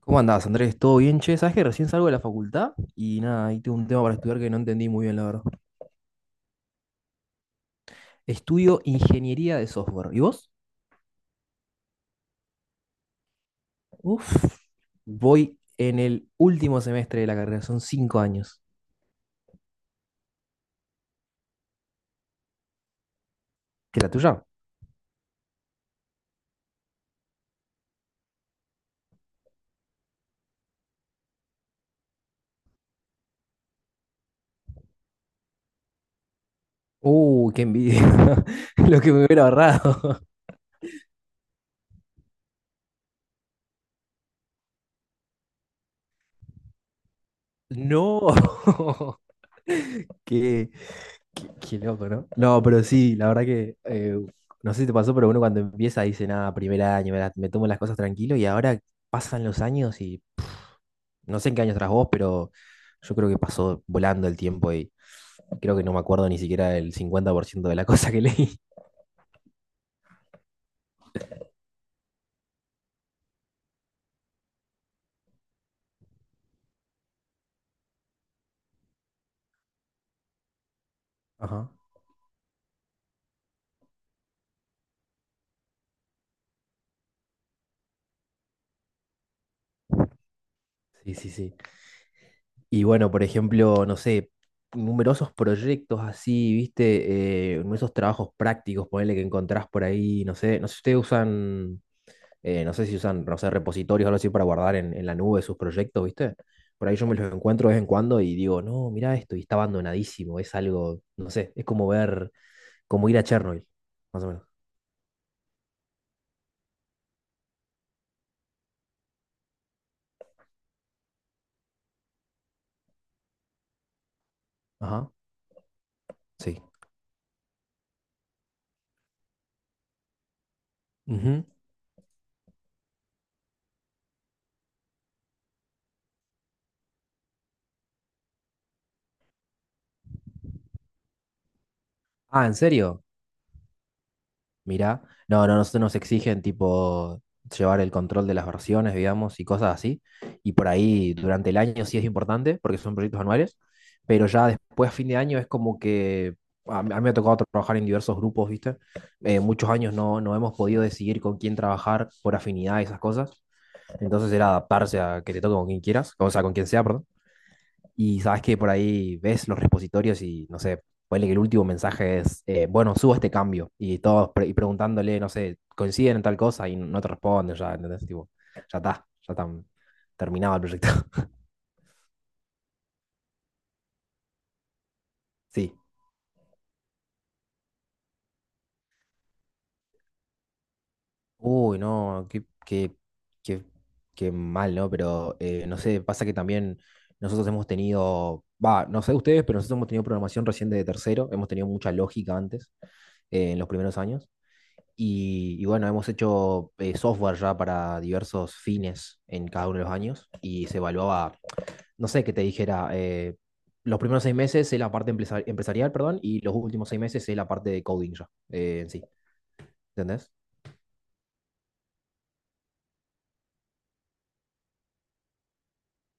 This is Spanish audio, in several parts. ¿Cómo andás, Andrés? ¿Todo bien, che? ¿Sabés que recién salgo de la facultad? Y nada, ahí tengo un tema para estudiar que no entendí muy bien, la verdad. Estudio ingeniería de software. ¿Y vos? Uf, voy en el último semestre de la carrera, son cinco años. ¿Qué la tuya? Qué envidia. Lo que me hubiera ahorrado. No. Qué, qué loco, ¿no? No, pero sí, la verdad que no sé si te pasó, pero uno cuando empieza dice, nada, primer año, me tomo las cosas tranquilo y ahora pasan los años y no sé en qué año estás vos, pero yo creo que pasó volando el tiempo y creo que no me acuerdo ni siquiera el 50% de la cosa que leí. Ajá. Sí, sí, sí. Y bueno, por ejemplo, no sé, numerosos proyectos así, viste, numerosos trabajos prácticos, ponele que encontrás por ahí, no sé, no sé si ustedes usan, no sé si usan, no sé, repositorios o algo así para guardar en la nube sus proyectos, viste. Por ahí yo me los encuentro de vez en cuando y digo, no, mirá esto, y está abandonadísimo, es algo, no sé, es como ver como ir a Chernobyl, más o menos. Ajá, sí. Ujú. Ah, ¿en serio? Mirá. No, no, nosotros nos exigen tipo llevar el control de las versiones, digamos, y cosas así. Y por ahí durante el año sí es importante, porque son proyectos anuales, pero ya después, a fin de año, es como que a mí me ha tocado trabajar en diversos grupos, ¿viste? Muchos años no, no hemos podido decidir con quién trabajar por afinidad y esas cosas. Entonces era adaptarse a que te toque con quien quieras, o sea, con quien sea, perdón. Y sabes que por ahí ves los repositorios y no sé, ponele que el último mensaje es, bueno, subo este cambio. Y todos preguntándole, no sé, coinciden en tal cosa y no te responden ya, ¿entendés? Tipo, ya está terminado el proyecto. Sí. Uy, no, qué, qué mal, ¿no? Pero no sé, pasa que también nosotros hemos tenido, va, no sé ustedes, pero nosotros hemos tenido programación recién de tercero, hemos tenido mucha lógica antes, en los primeros años. Y bueno, hemos hecho software ya para diversos fines en cada uno de los años y se evaluaba, no sé qué te dijera, los primeros seis meses es la parte empresarial, perdón, y los últimos seis meses es la parte de coding ya, en sí, ¿entendés?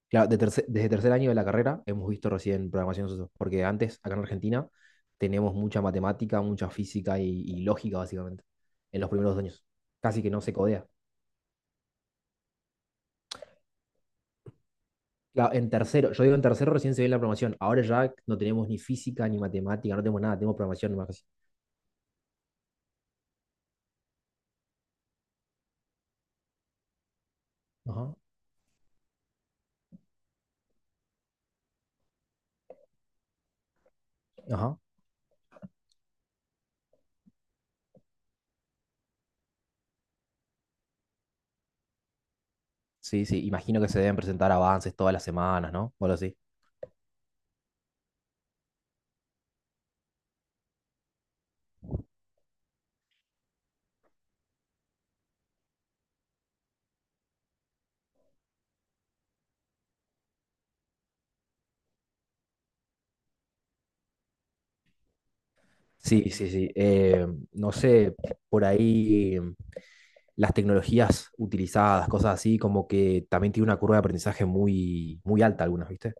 Claro, desde tercer año de la carrera hemos visto recién programación, nosotros, porque antes, acá en Argentina, tenemos mucha matemática, mucha física y lógica, básicamente, en los primeros años. Casi que no se codea. Claro, en tercero, yo digo en tercero recién se ve la programación. Ahora ya no tenemos ni física ni matemática, no tenemos nada, tenemos programación nomás. Casi. Ajá, ajá. Sí, sí, imagino que se deben presentar avances todas las semanas, ¿no? O algo así. Sí, sí, sí. No sé, por ahí las tecnologías utilizadas, cosas así, como que también tiene una curva de aprendizaje muy, muy alta algunas, ¿viste?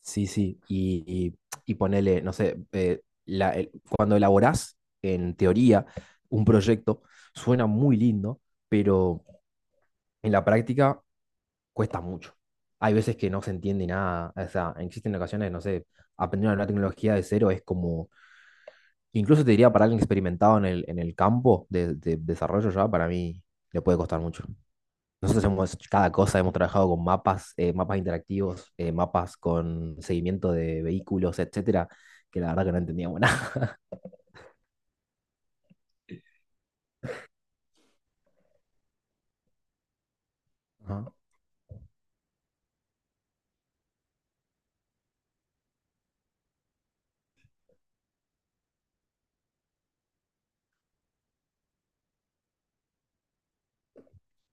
Sí, sí, y ponele, no sé, cuando elaborás en teoría un proyecto, suena muy lindo, pero en la práctica cuesta mucho. Hay veces que no se entiende nada, o sea, existen ocasiones, no sé, aprender una nueva tecnología de cero es como, incluso te diría para alguien experimentado en el campo de desarrollo ya, para mí le puede costar mucho. Nosotros hemos hecho cada cosa, hemos trabajado con mapas, mapas interactivos, mapas con seguimiento de vehículos, etcétera, que la verdad que no entendíamos nada. Ajá.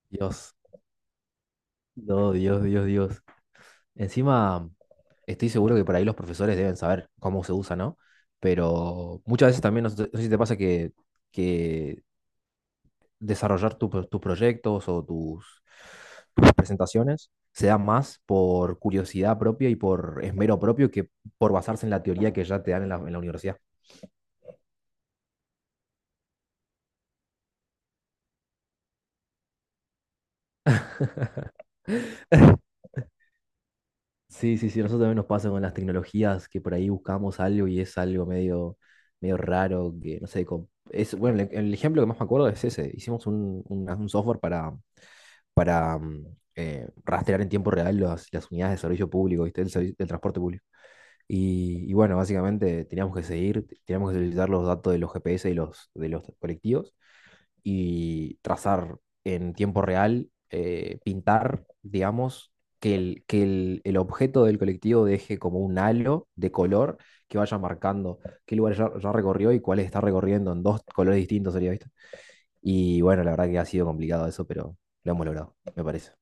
Dios, no, Dios, Dios, Dios. Encima, estoy seguro que por ahí los profesores deben saber cómo se usa, ¿no? Pero muchas veces también, no sé, no sé si te pasa que desarrollar tus proyectos o tus presentaciones se da más por curiosidad propia y por esmero propio que por basarse en la teoría que ya te dan en la universidad. Sí, sí, sí, nosotros también nos pasa con las tecnologías que por ahí buscamos algo y es algo medio, medio raro, que no sé, es, bueno, el ejemplo que más me acuerdo es ese, hicimos un software para rastrear en tiempo real las unidades de servicio público, ¿viste? Del transporte público. Y bueno, básicamente teníamos que seguir, teníamos que utilizar los datos de los GPS y de los colectivos y trazar en tiempo real, pintar, digamos, el objeto del colectivo deje como un halo de color que vaya marcando qué lugares ya recorrió y cuáles está recorriendo en dos colores distintos, sería, ¿viste? Y bueno, la verdad que ha sido complicado eso, pero lo hemos logrado, me parece.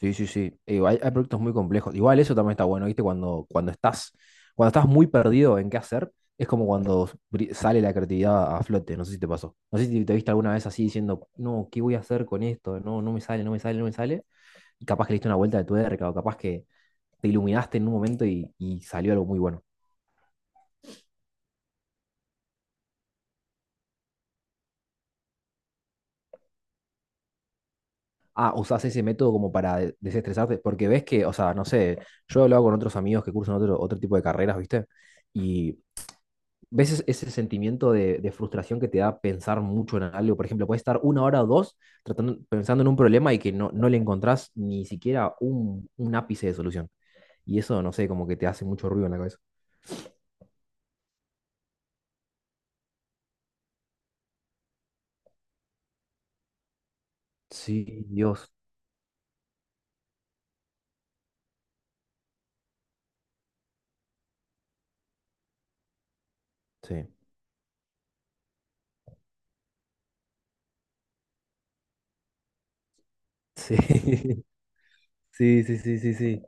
Sí, sí, sí. Digo, hay proyectos muy complejos. Igual eso también está bueno, ¿viste? Cuando estás muy perdido en qué hacer, es como cuando sale la creatividad a flote. No sé si te pasó. No sé si te viste alguna vez así diciendo, no, ¿qué voy a hacer con esto? No, no me sale, no me sale, no me sale. Y capaz que le diste una vuelta de tuerca o capaz que te iluminaste en un momento y salió algo muy bueno. Ah, usás ese método como para desestresarte, porque ves que, o sea, no sé, yo he hablado con otros amigos que cursan otro tipo de carreras, ¿viste? Y ¿ves ese sentimiento de frustración que te da pensar mucho en algo? Por ejemplo, puedes estar una hora o dos tratando, pensando en un problema y que no, no le encontrás ni siquiera un ápice de solución. Y eso, no sé, como que te hace mucho ruido en la cabeza. Sí, Dios. Sí. Sí. Sí, sí, sí, sí, sí.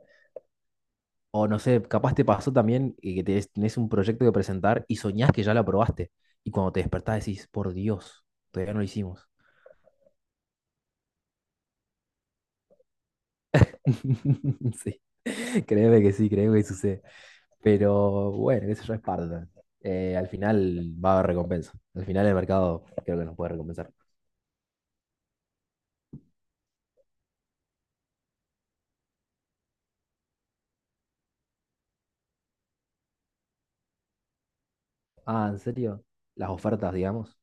O no sé, capaz te pasó también que tenés un proyecto que presentar y soñás que ya lo aprobaste. Y cuando te despertás decís, por Dios, todavía no lo hicimos. Sí. Créeme que sí, créeme que sucede. Pero bueno, eso ya es parte también. Al final va a haber recompensa. Al final el mercado creo que nos puede recompensar. Ah, ¿en serio? Las ofertas, digamos.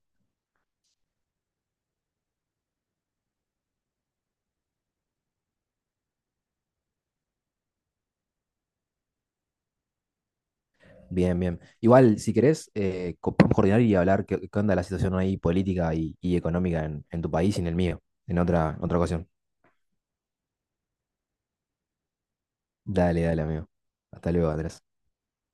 Bien, bien. Igual, si querés, podemos coordinar y hablar qué, qué onda la situación ahí política y económica en tu país y en el mío, en otra ocasión. Dale, dale, amigo. Hasta luego, Andrés.